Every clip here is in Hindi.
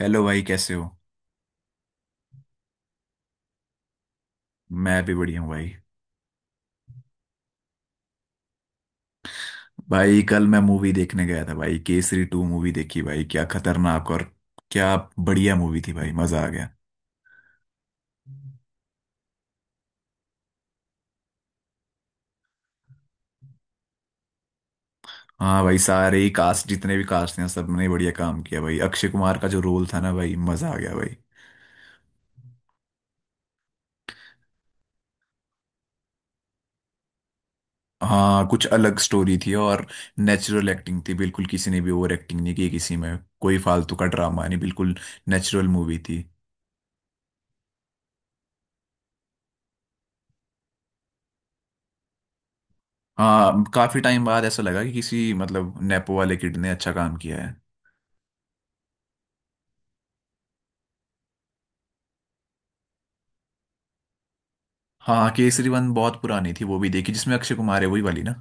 हेलो भाई, कैसे हो। मैं भी बढ़िया हूँ भाई। भाई कल मैं मूवी देखने गया था भाई, केसरी टू मूवी देखी भाई, क्या खतरनाक और क्या बढ़िया मूवी थी भाई, मजा आ गया। हाँ भाई, सारे ही कास्ट, जितने भी कास्ट हैं सबने बढ़िया काम किया भाई, अक्षय कुमार का जो रोल था ना भाई, मजा आ गया भाई। हाँ, कुछ अलग स्टोरी थी और नेचुरल एक्टिंग थी, बिल्कुल किसी ने भी ओवर एक्टिंग नहीं की, किसी में कोई फालतू का ड्रामा नहीं, बिल्कुल नेचुरल मूवी थी। हाँ, काफी टाइम बाद ऐसा लगा कि किसी मतलब नेपो वाले किड ने अच्छा काम किया है। हाँ, केसरी वन बहुत पुरानी थी, वो भी देखी, जिसमें अक्षय कुमार है वही वाली ना।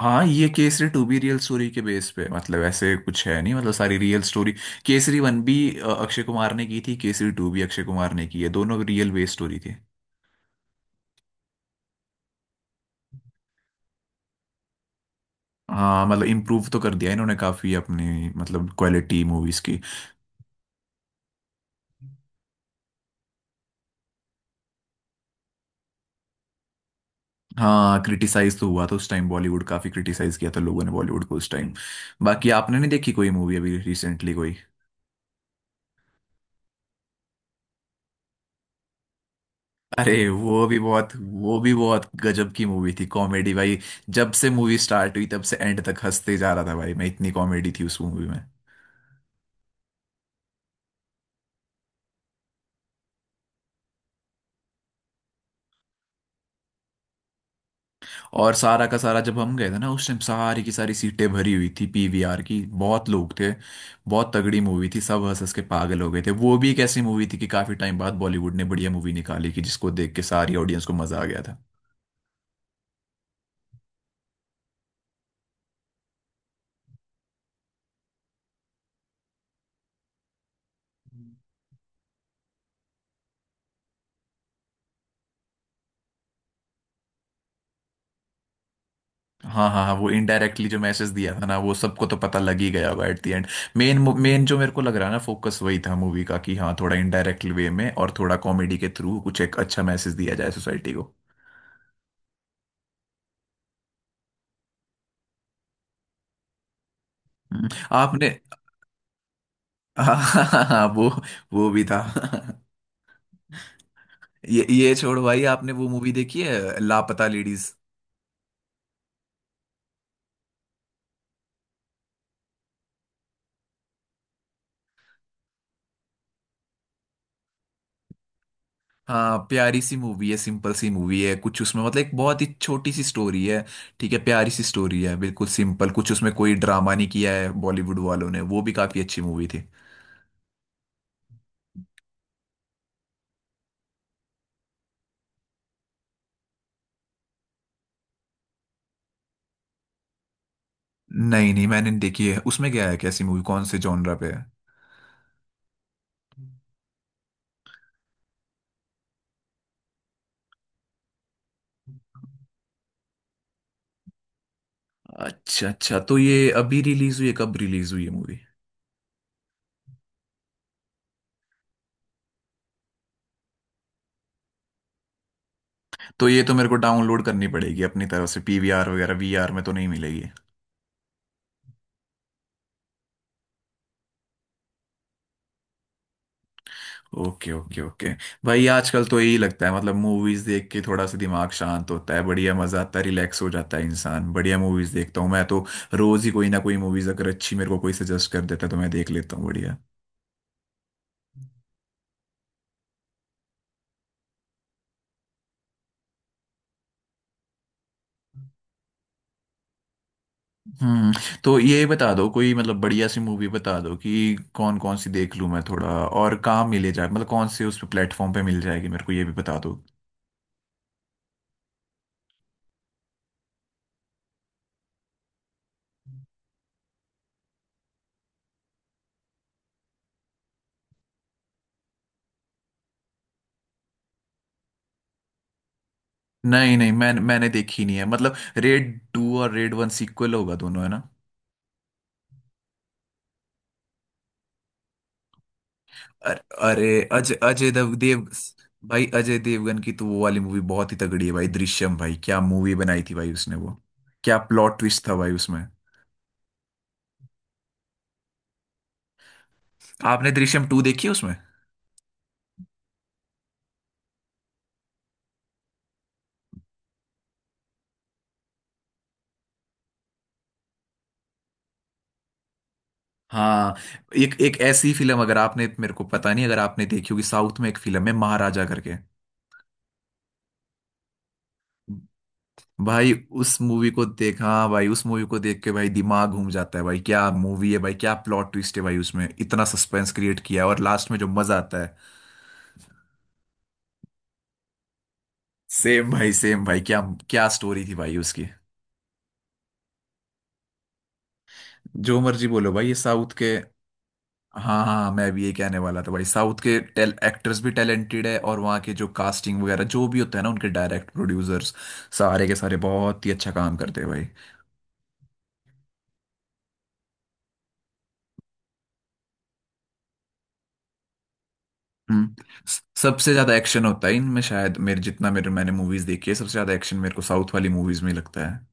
हाँ, ये केसरी टू भी रियल स्टोरी के बेस पे, मतलब ऐसे कुछ है नहीं, मतलब सारी रियल स्टोरी। केसरी वन भी अक्षय कुमार ने की थी, केसरी टू भी अक्षय कुमार ने की है, दोनों रियल बेस स्टोरी थी। हाँ, मतलब इम्प्रूव तो कर दिया इन्होंने काफी अपनी मतलब क्वालिटी मूवीज की। हाँ, क्रिटिसाइज तो हुआ था उस टाइम, बॉलीवुड काफी क्रिटिसाइज किया था लोगों ने बॉलीवुड को उस टाइम। बाकी आपने नहीं देखी कोई मूवी अभी रिसेंटली कोई। अरे वो भी बहुत, वो भी बहुत गजब की मूवी थी कॉमेडी भाई। जब से मूवी स्टार्ट हुई तब से एंड तक हंसते जा रहा था भाई मैं, इतनी कॉमेडी थी उस मूवी में। और सारा का सारा, जब हम गए थे ना उस टाइम सारी की सारी सीटें भरी हुई थी पीवीआर की, बहुत लोग थे। बहुत तगड़ी मूवी थी, सब हंस हंस के पागल हो गए थे, वो भी एक ऐसी मूवी थी कि काफी टाइम बाद बॉलीवुड ने बढ़िया मूवी निकाली कि जिसको देख के सारी ऑडियंस को मजा आ गया था। हाँ हाँ हाँ, वो इनडायरेक्टली जो मैसेज दिया था ना, वो सबको तो पता लग ही गया होगा at the end. Main main जो मेरे को लग रहा है ना, फोकस वही था मूवी का कि हाँ, थोड़ा इनडायरेक्ट वे में और थोड़ा कॉमेडी के थ्रू कुछ एक अच्छा मैसेज दिया जाए सोसाइटी को। आपने हाँ वो भी था। ये छोड़ भाई, आपने वो मूवी देखी है लापता लेडीज। हाँ, प्यारी सी मूवी है, सिंपल सी मूवी है, कुछ उसमें मतलब एक बहुत ही छोटी सी स्टोरी है। ठीक है, प्यारी सी स्टोरी है, बिल्कुल सिंपल, कुछ उसमें कोई ड्रामा नहीं किया है बॉलीवुड वालों ने, वो भी काफी अच्छी मूवी थी। नहीं नहीं, मैंने देखी है, उसमें क्या है, कैसी मूवी, कौन से जॉनरा पे है। अच्छा अच्छा, तो ये अभी रिलीज हुई है, कब रिलीज हुई है मूवी। तो ये तो मेरे को डाउनलोड करनी पड़ेगी अपनी तरफ से, पीवीआर वगैरह वीआर में तो नहीं मिलेगी। Okay okay okay. भाई आजकल तो यही लगता है, मतलब मूवीज देख के थोड़ा सा दिमाग शांत होता है, बढ़िया मजा आता है, रिलैक्स हो जाता है इंसान, बढ़िया मूवीज देखता हूँ मैं तो। रोज ही कोई ना कोई मूवीज अगर अच्छी मेरे को कोई सजेस्ट कर देता है तो मैं देख लेता हूँ बढ़िया। हम्म। तो ये बता दो कोई मतलब बढ़िया सी मूवी बता दो कि कौन कौन सी देख लूँ मैं, थोड़ा और कहाँ मिले जाए, मतलब कौन से उस प्लेटफॉर्म पे मिल जाएगी मेरे को ये भी बता दो। नहीं नहीं, मैंने देखी नहीं है, मतलब रेड टू और रेड वन सीक्वल होगा दोनों, है ना। अर- अरे अजय अजय देव देव। भाई अजय देवगन की तो वो वाली मूवी बहुत ही तगड़ी है भाई, दृश्यम भाई, क्या मूवी बनाई थी भाई उसने, वो क्या प्लॉट ट्विस्ट था भाई उसमें। आपने दृश्यम टू देखी है उसमें। हाँ, एक एक ऐसी फिल्म, अगर आपने मेरे को पता नहीं अगर आपने देखी होगी, साउथ में एक फिल्म है महाराजा करके भाई, उस मूवी को देखा। हाँ भाई, उस मूवी को देख के भाई दिमाग घूम जाता है भाई, क्या मूवी है भाई, क्या प्लॉट ट्विस्ट है भाई उसमें, इतना सस्पेंस क्रिएट किया है और लास्ट में जो मजा आता है। सेम भाई, सेम भाई, क्या क्या स्टोरी थी भाई उसकी। जो मर्जी बोलो भाई, ये साउथ के। हाँ हाँ, मैं भी ये कहने वाला था भाई, साउथ के टेल एक्टर्स भी टैलेंटेड है, और वहाँ के जो कास्टिंग वगैरह जो भी होता है ना, उनके डायरेक्ट प्रोड्यूसर्स सारे के सारे बहुत ही अच्छा काम करते हैं भाई। हम्म। सबसे ज्यादा एक्शन होता है इनमें शायद, मेरे जितना मेरे मैंने मूवीज देखी है, सबसे ज्यादा एक्शन मेरे को साउथ वाली मूवीज में लगता है।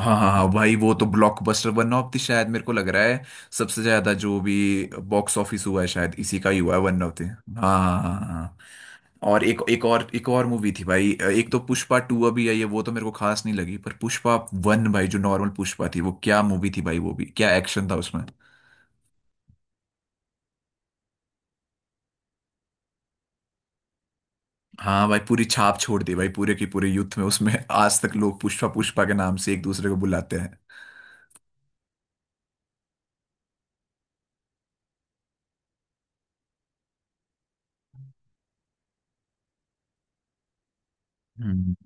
हाँ हाँ हाँ भाई, वो तो ब्लॉकबस्टर, वन ऑफ द, शायद मेरे को लग रहा है सबसे ज्यादा जो भी बॉक्स ऑफिस हुआ है शायद इसी का ही हुआ है, वन ऑफ द। हाँ हाँ हाँ हाँ। हाँ। और एक एक और मूवी थी भाई, एक तो पुष्पा टू अभी आई है वो तो मेरे को खास नहीं लगी, पर पुष्पा वन भाई, जो नॉर्मल पुष्पा थी, वो क्या मूवी थी भाई, वो भी क्या एक्शन था उसमें। हाँ भाई, पूरी छाप छोड़ दी भाई पूरे की पूरे यूथ में, उसमें आज तक लोग पुष्पा पुष्पा के नाम से एक दूसरे को बुलाते हैं।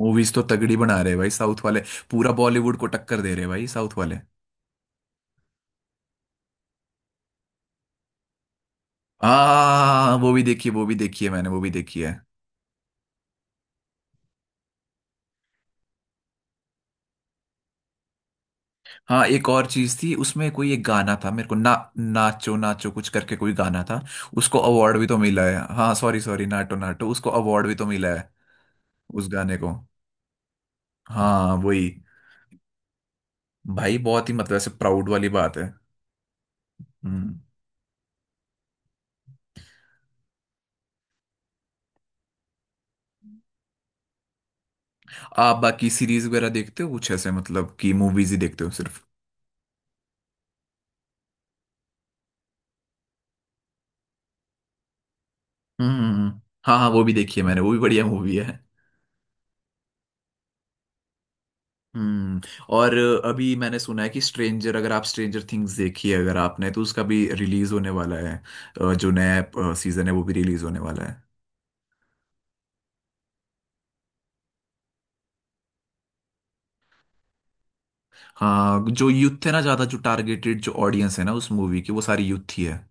मूवीज तो तगड़ी बना रहे हैं भाई साउथ वाले, पूरा बॉलीवुड को टक्कर दे रहे हैं भाई साउथ वाले। हाँ, वो भी देखी है, वो भी देखी है मैंने, वो भी देखी है। हाँ, एक और चीज थी उसमें, कोई एक गाना था मेरे को, ना, नाचो नाचो कुछ करके कोई गाना था, उसको अवार्ड भी तो मिला है। हाँ सॉरी सॉरी, नाटो नाटो, उसको अवार्ड भी तो मिला है, उस गाने को। हाँ वही। भाई बहुत ही मतलब ऐसे प्राउड वाली बात है। हम्म। आप बाकी सीरीज वगैरह देखते हो कुछ ऐसे, मतलब कि मूवीज ही देखते हो सिर्फ। हम्म हम्म, हम्म। हाँ हाँ, वो भी देखी है मैंने, वो भी बढ़िया मूवी है। हम्म। और अभी मैंने सुना है कि स्ट्रेंजर, अगर आप स्ट्रेंजर थिंग्स देखी है अगर आपने, तो उसका भी रिलीज होने वाला है, जो नया सीजन है वो भी रिलीज होने वाला है। हाँ, जो यूथ है ना, ज्यादा जो टारगेटेड जो ऑडियंस है ना उस मूवी की, वो सारी यूथ ही है।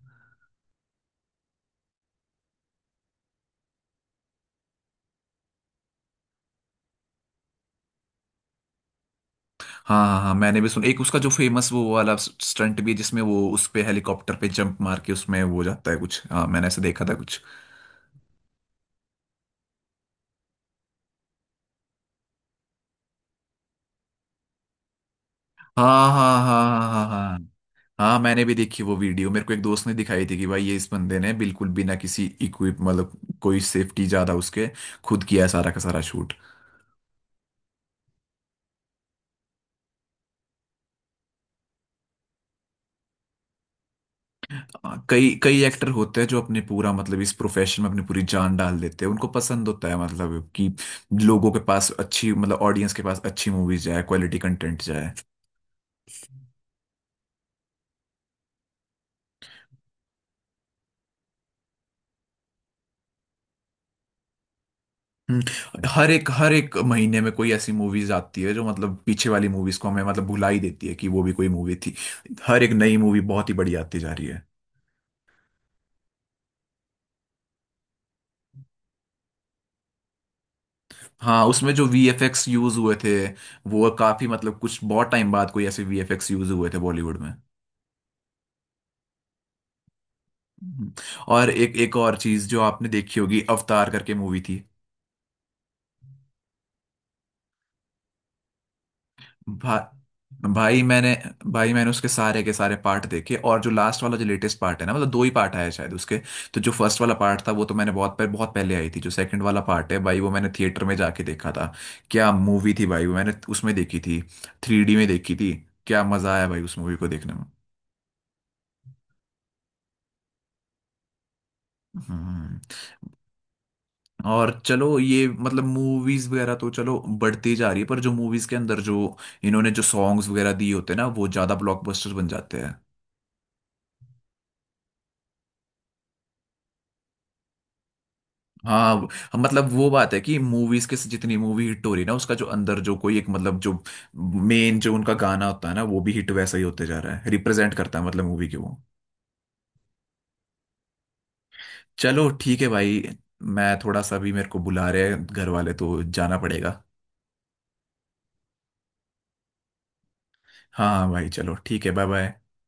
हाँ हाँ हाँ, मैंने भी सुना एक उसका जो फेमस वो वाला स्टंट भी है, जिसमें वो उस पे हेलीकॉप्टर पे जंप मार के उसमें वो हो जाता है कुछ, हाँ मैंने ऐसे देखा था कुछ। हाँ हाँ हाँ हाँ हाँ हाँ। हाँ मैंने भी देखी वो वीडियो, मेरे को एक दोस्त ने दिखाई थी कि भाई ये इस बंदे ने बिल्कुल बिना किसी इक्विप मतलब, कोई सेफ्टी ज्यादा उसके, खुद किया है सारा का सारा शूट। हाँ, कई कई एक्टर होते हैं जो अपने पूरा, मतलब इस प्रोफेशन में अपनी पूरी जान डाल देते हैं, उनको पसंद होता है मतलब कि लोगों के पास अच्छी मतलब ऑडियंस के पास अच्छी मूवीज जाए, क्वालिटी कंटेंट जाए। हम्म, हर एक महीने में कोई ऐसी मूवीज आती है जो मतलब पीछे वाली मूवीज को हमें मतलब भुला ही देती है कि वो भी कोई मूवी थी, हर एक नई मूवी बहुत ही बढ़िया आती जा रही है। हाँ, उसमें जो वीएफएक्स यूज हुए थे, वो काफी, मतलब कुछ बहुत टाइम बाद कोई ऐसे वीएफएक्स यूज हुए थे बॉलीवुड में। हम्म। और एक एक और चीज, जो आपने देखी होगी, अवतार करके मूवी थी। भा, भाई मैंने भाई मैंने उसके सारे के सारे पार्ट देखे, और जो लास्ट वाला जो लेटेस्ट पार्ट है ना, मतलब दो ही पार्ट आया शायद उसके, तो जो फर्स्ट वाला पार्ट था वो तो मैंने बहुत पहले आई थी, जो सेकंड वाला पार्ट है भाई वो मैंने थिएटर में जाके देखा था, क्या मूवी थी भाई, वो मैंने उसमें देखी थी, 3D में देखी थी, क्या मजा आया भाई उस मूवी को देखने में। हम्म, और चलो ये मतलब मूवीज वगैरह तो चलो बढ़ती जा रही है, पर जो मूवीज के अंदर जो इन्होंने जो सॉन्ग्स वगैरह दिए होते हैं ना, वो ज्यादा ब्लॉकबस्टर बन जाते हैं। हाँ वो- मतलब वो बात है कि मूवीज के, जितनी मूवी हिट हो रही है ना, उसका जो अंदर जो कोई एक मतलब जो मेन जो उनका गाना होता है ना, वो भी हिट वैसा ही होते जा रहा है, रिप्रेजेंट करता है मतलब मूवी की वो। चलो ठीक है भाई, मैं थोड़ा सा भी, मेरे को बुला रहे हैं घर वाले, तो जाना पड़ेगा। हाँ हाँ भाई, चलो ठीक है, बाय बाय।